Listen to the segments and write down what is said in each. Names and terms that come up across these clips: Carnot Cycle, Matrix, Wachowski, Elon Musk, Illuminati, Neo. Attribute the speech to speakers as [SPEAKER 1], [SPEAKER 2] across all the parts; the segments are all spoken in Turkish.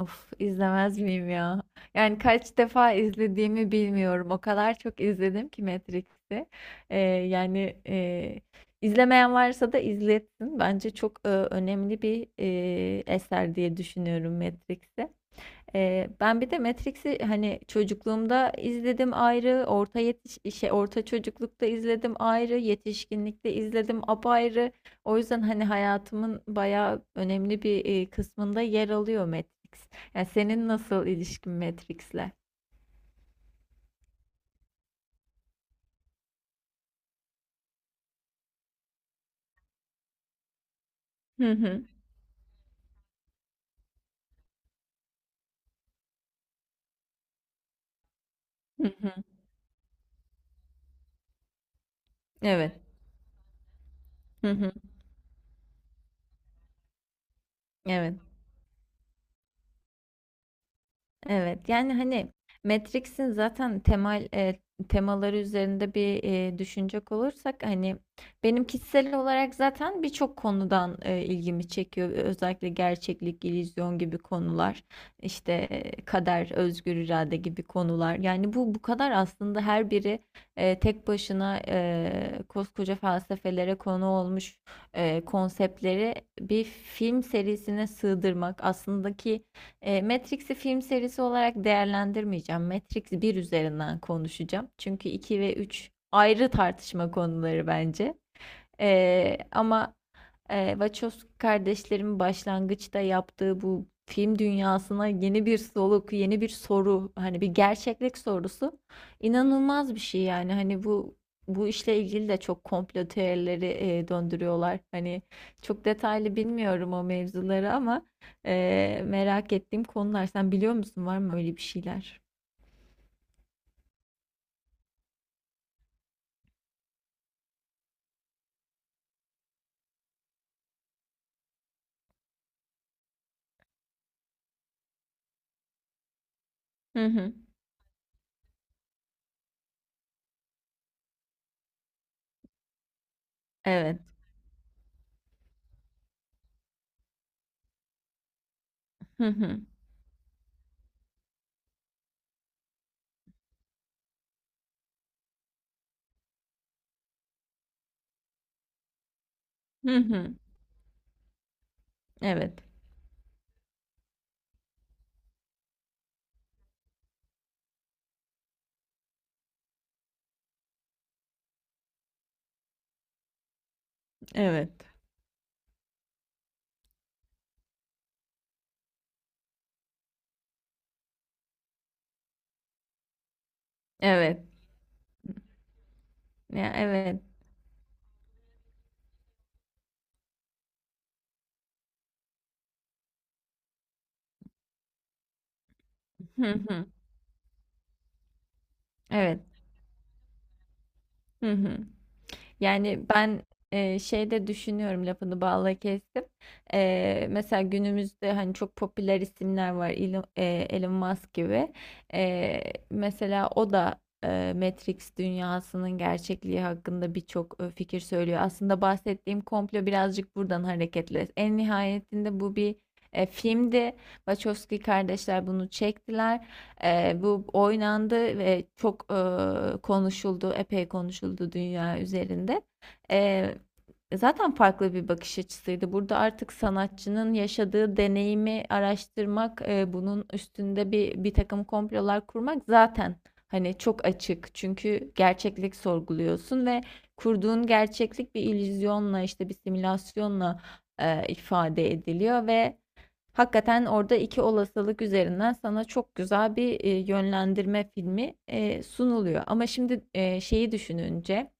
[SPEAKER 1] Of izlemez miyim ya? Yani kaç defa izlediğimi bilmiyorum. O kadar çok izledim ki Matrix'i. Yani izlemeyen varsa da izletsin. Bence çok önemli bir eser diye düşünüyorum Matrix'i. Ben bir de Matrix'i hani çocukluğumda izledim ayrı, orta çocuklukta izledim ayrı, yetişkinlikte izledim apayrı. O yüzden hani hayatımın bayağı önemli bir kısmında yer alıyor Matrix. Yani senin nasıl ilişkin Matrix'le? Hı hı. Hı hı. Evet. Hı hı. Evet. Evet, yani hani Matrix'in zaten temel temaları üzerinde bir düşünecek olursak hani benim kişisel olarak zaten birçok konudan ilgimi çekiyor. Özellikle gerçeklik, illüzyon gibi konular, işte kader, özgür irade gibi konular. Yani bu kadar aslında her biri tek başına koskoca felsefelere konu olmuş konseptleri bir film serisine sığdırmak aslında ki Matrix'i film serisi olarak değerlendirmeyeceğim. Matrix bir üzerinden konuşacağım. Çünkü iki ve 3 ayrı tartışma konuları bence. Ama Wachowski kardeşlerin başlangıçta yaptığı bu film dünyasına yeni bir soluk, yeni bir soru, hani bir gerçeklik sorusu inanılmaz bir şey yani. Hani bu işle ilgili de çok komplo teorileri döndürüyorlar. Hani çok detaylı bilmiyorum o mevzuları ama merak ettiğim konular. Sen biliyor musun, var mı öyle bir şeyler? Hı hı. Evet. Hı hı. Hı hı. Evet. Evet. Evet. Ya, evet. Hı hı. Evet. Hı hı. Yani ben şeyde düşünüyorum, lafını bağla kestim. Mesela günümüzde hani çok popüler isimler var, Elon, Elon Musk gibi. E, mesela o da Matrix dünyasının gerçekliği hakkında birçok fikir söylüyor. Aslında bahsettiğim komplo birazcık buradan hareketle. En nihayetinde bu bir filmdi. Wachowski kardeşler bunu çektiler. Bu oynandı ve çok, konuşuldu, epey konuşuldu dünya üzerinde. Eee, zaten farklı bir bakış açısıydı. Burada artık sanatçının yaşadığı deneyimi araştırmak, bunun üstünde bir takım komplolar kurmak zaten hani çok açık. Çünkü gerçeklik sorguluyorsun ve kurduğun gerçeklik bir illüzyonla, işte bir simülasyonla, ifade ediliyor ve hakikaten orada iki olasılık üzerinden sana çok güzel bir yönlendirme filmi sunuluyor. Ama şimdi şeyi düşününce,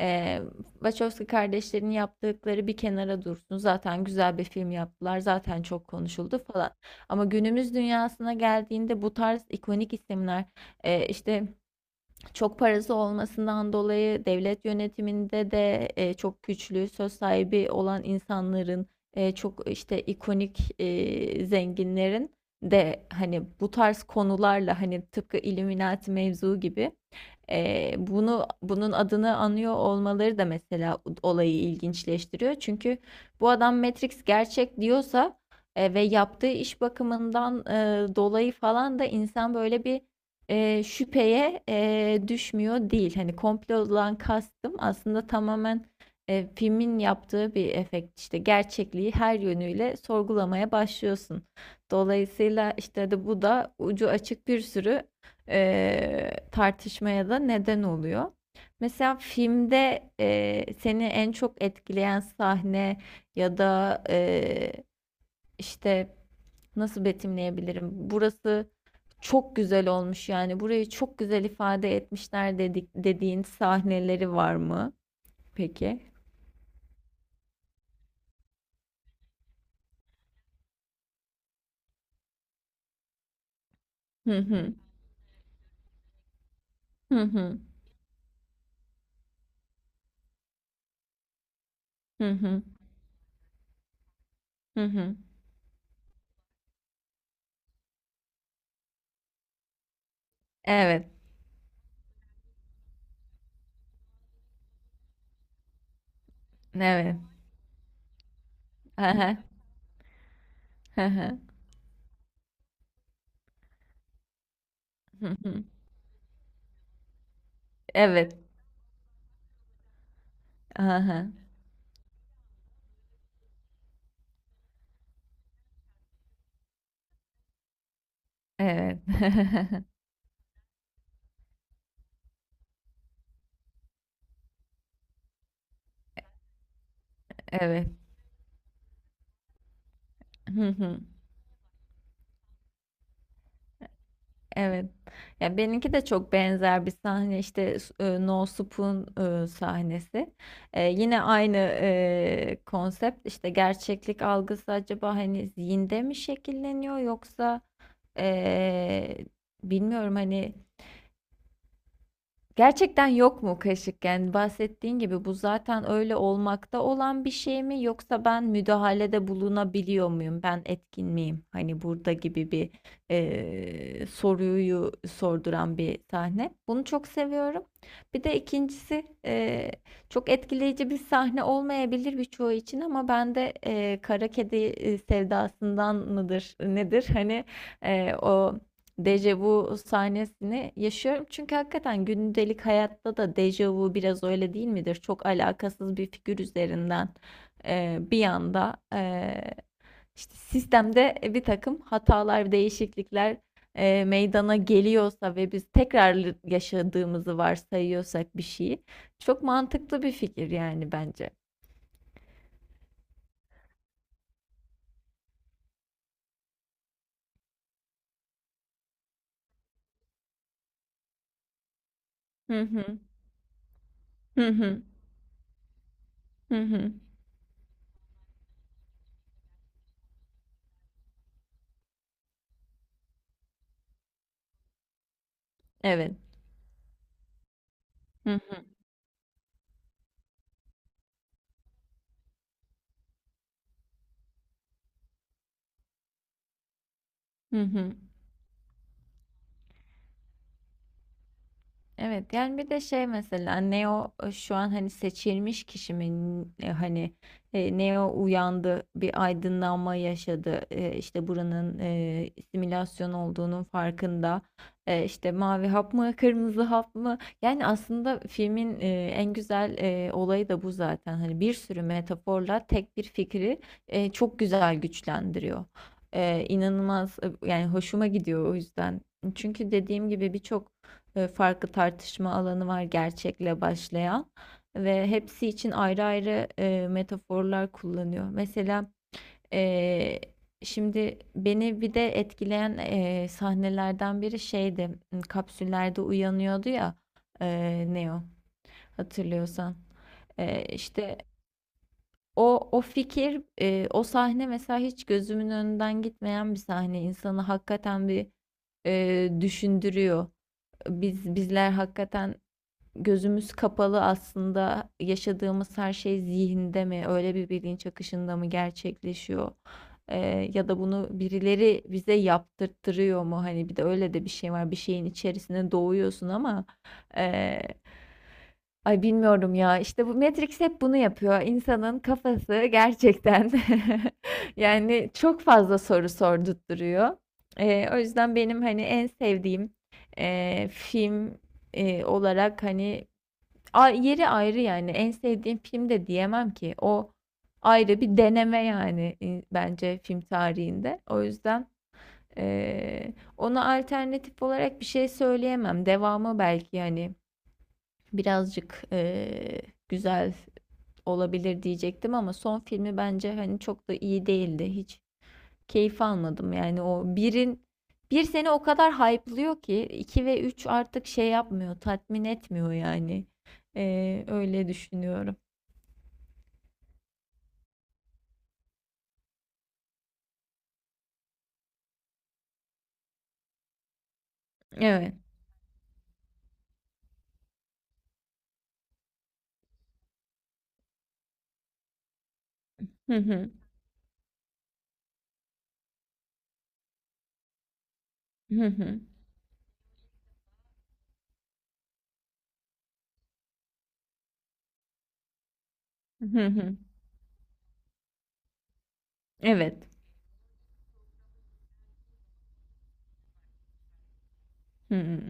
[SPEAKER 1] e, Wachowski kardeşlerin yaptıkları bir kenara dursun. Zaten güzel bir film yaptılar. Zaten çok konuşuldu falan. Ama günümüz dünyasına geldiğinde bu tarz ikonik isimler, işte çok parası olmasından dolayı devlet yönetiminde de çok güçlü, söz sahibi olan insanların, çok işte ikonik zenginlerin de hani bu tarz konularla, hani tıpkı Illuminati mevzu gibi, bunu bunun adını anıyor olmaları da mesela olayı ilginçleştiriyor. Çünkü bu adam Matrix gerçek diyorsa ve yaptığı iş bakımından dolayı falan da insan böyle bir şüpheye düşmüyor değil. Hani komplodan kastım aslında tamamen filmin yaptığı bir efekt, işte gerçekliği her yönüyle sorgulamaya başlıyorsun. Dolayısıyla işte de bu da ucu açık bir sürü tartışmaya da neden oluyor. Mesela filmde, seni en çok etkileyen sahne ya da, işte nasıl betimleyebilirim? Burası çok güzel olmuş, yani burayı çok güzel ifade etmişler dediğin sahneleri var mı? Peki. Hı hı. Hı hı. Hı hı. Hı hı. Evet. Evet. Hı hı. Hı hı. Hı hı. Evet. Hı hı. Evet. Evet. Hı hı. Evet. Ya, benimki de çok benzer bir sahne, işte No Spoon sahnesi. Yine aynı konsept, işte gerçeklik algısı acaba hani zihinde mi şekilleniyor yoksa, e, bilmiyorum hani, gerçekten yok mu kaşık? Yani bahsettiğin gibi bu zaten öyle olmakta olan bir şey mi yoksa ben müdahalede bulunabiliyor muyum? Ben etkin miyim? Hani burada gibi bir, soruyu sorduran bir sahne. Bunu çok seviyorum. Bir de ikincisi, çok etkileyici bir sahne olmayabilir birçoğu için ama ben de, kara kedi, sevdasından mıdır nedir? Hani, o dejavu sahnesini yaşıyorum. Çünkü hakikaten gündelik hayatta da dejavu biraz öyle değil midir? Çok alakasız bir figür üzerinden, bir anda, işte sistemde bir takım hatalar, değişiklikler, meydana geliyorsa ve biz tekrar yaşadığımızı varsayıyorsak bir şeyi, çok mantıklı bir fikir yani bence. Hı hı. Hı hı. Hı hı. Evet. Hı hı. Hı hı. Evet, yani bir de şey, mesela Neo, şu an hani seçilmiş kişi mi? Hani Neo uyandı, bir aydınlanma yaşadı. E, işte buranın simülasyon olduğunun farkında. E, işte mavi hap mı, kırmızı hap mı? Yani aslında filmin en güzel olayı da bu zaten, hani bir sürü metaforla tek bir fikri çok güzel güçlendiriyor. E, inanılmaz, yani hoşuma gidiyor o yüzden. Çünkü dediğim gibi birçok farklı tartışma alanı var gerçekle başlayan ve hepsi için ayrı ayrı metaforlar kullanıyor. Mesela, e, şimdi beni bir de etkileyen sahnelerden biri şeydi. Kapsüllerde uyanıyordu ya, e, Neo, hatırlıyorsan. E, işte o fikir, o sahne mesela hiç gözümün önünden gitmeyen bir sahne. İnsanı hakikaten bir düşündürüyor. Biz bizler hakikaten gözümüz kapalı aslında, yaşadığımız her şey zihinde mi, öyle bir bilinç akışında mı gerçekleşiyor? Ya da bunu birileri bize yaptırtırıyor mu? Hani bir de öyle de bir şey var. Bir şeyin içerisine doğuyorsun ama, ee, ay bilmiyorum ya. İşte bu Matrix hep bunu yapıyor. İnsanın kafası gerçekten yani çok fazla soru sordurtturuyor. O yüzden benim hani en sevdiğim film olarak hani yeri ayrı, yani en sevdiğim film de diyemem ki, o ayrı bir deneme yani, bence film tarihinde, o yüzden ona alternatif olarak bir şey söyleyemem, devamı belki yani birazcık güzel olabilir diyecektim ama son filmi bence hani çok da iyi değildi, hiç keyif almadım. Yani o bir seni o kadar hype'lıyor ki 2 ve 3 artık şey yapmıyor, tatmin etmiyor yani. Öyle düşünüyorum. Evet. Hı hı. Hı hı. Hı hı. Evet. Hı hı.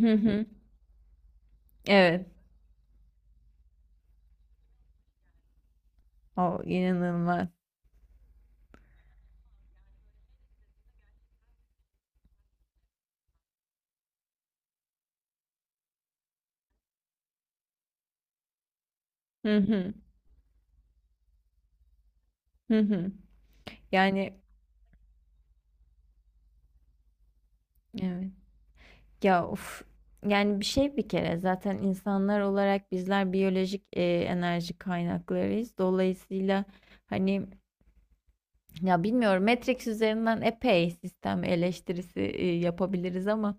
[SPEAKER 1] Hı hı. Evet. O inanılmaz. Hı hı. Hı hı. Yani, evet. Ya, of. Yani bir şey, bir kere zaten insanlar olarak bizler biyolojik enerji kaynaklarıyız. Dolayısıyla hani, ya bilmiyorum, Matrix üzerinden epey sistem eleştirisi yapabiliriz ama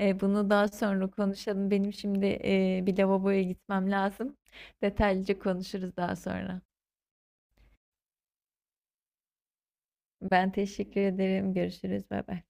[SPEAKER 1] bunu daha sonra konuşalım. Benim şimdi bir lavaboya gitmem lazım. Detaylıca konuşuruz daha sonra. Ben teşekkür ederim. Görüşürüz. Bay bay.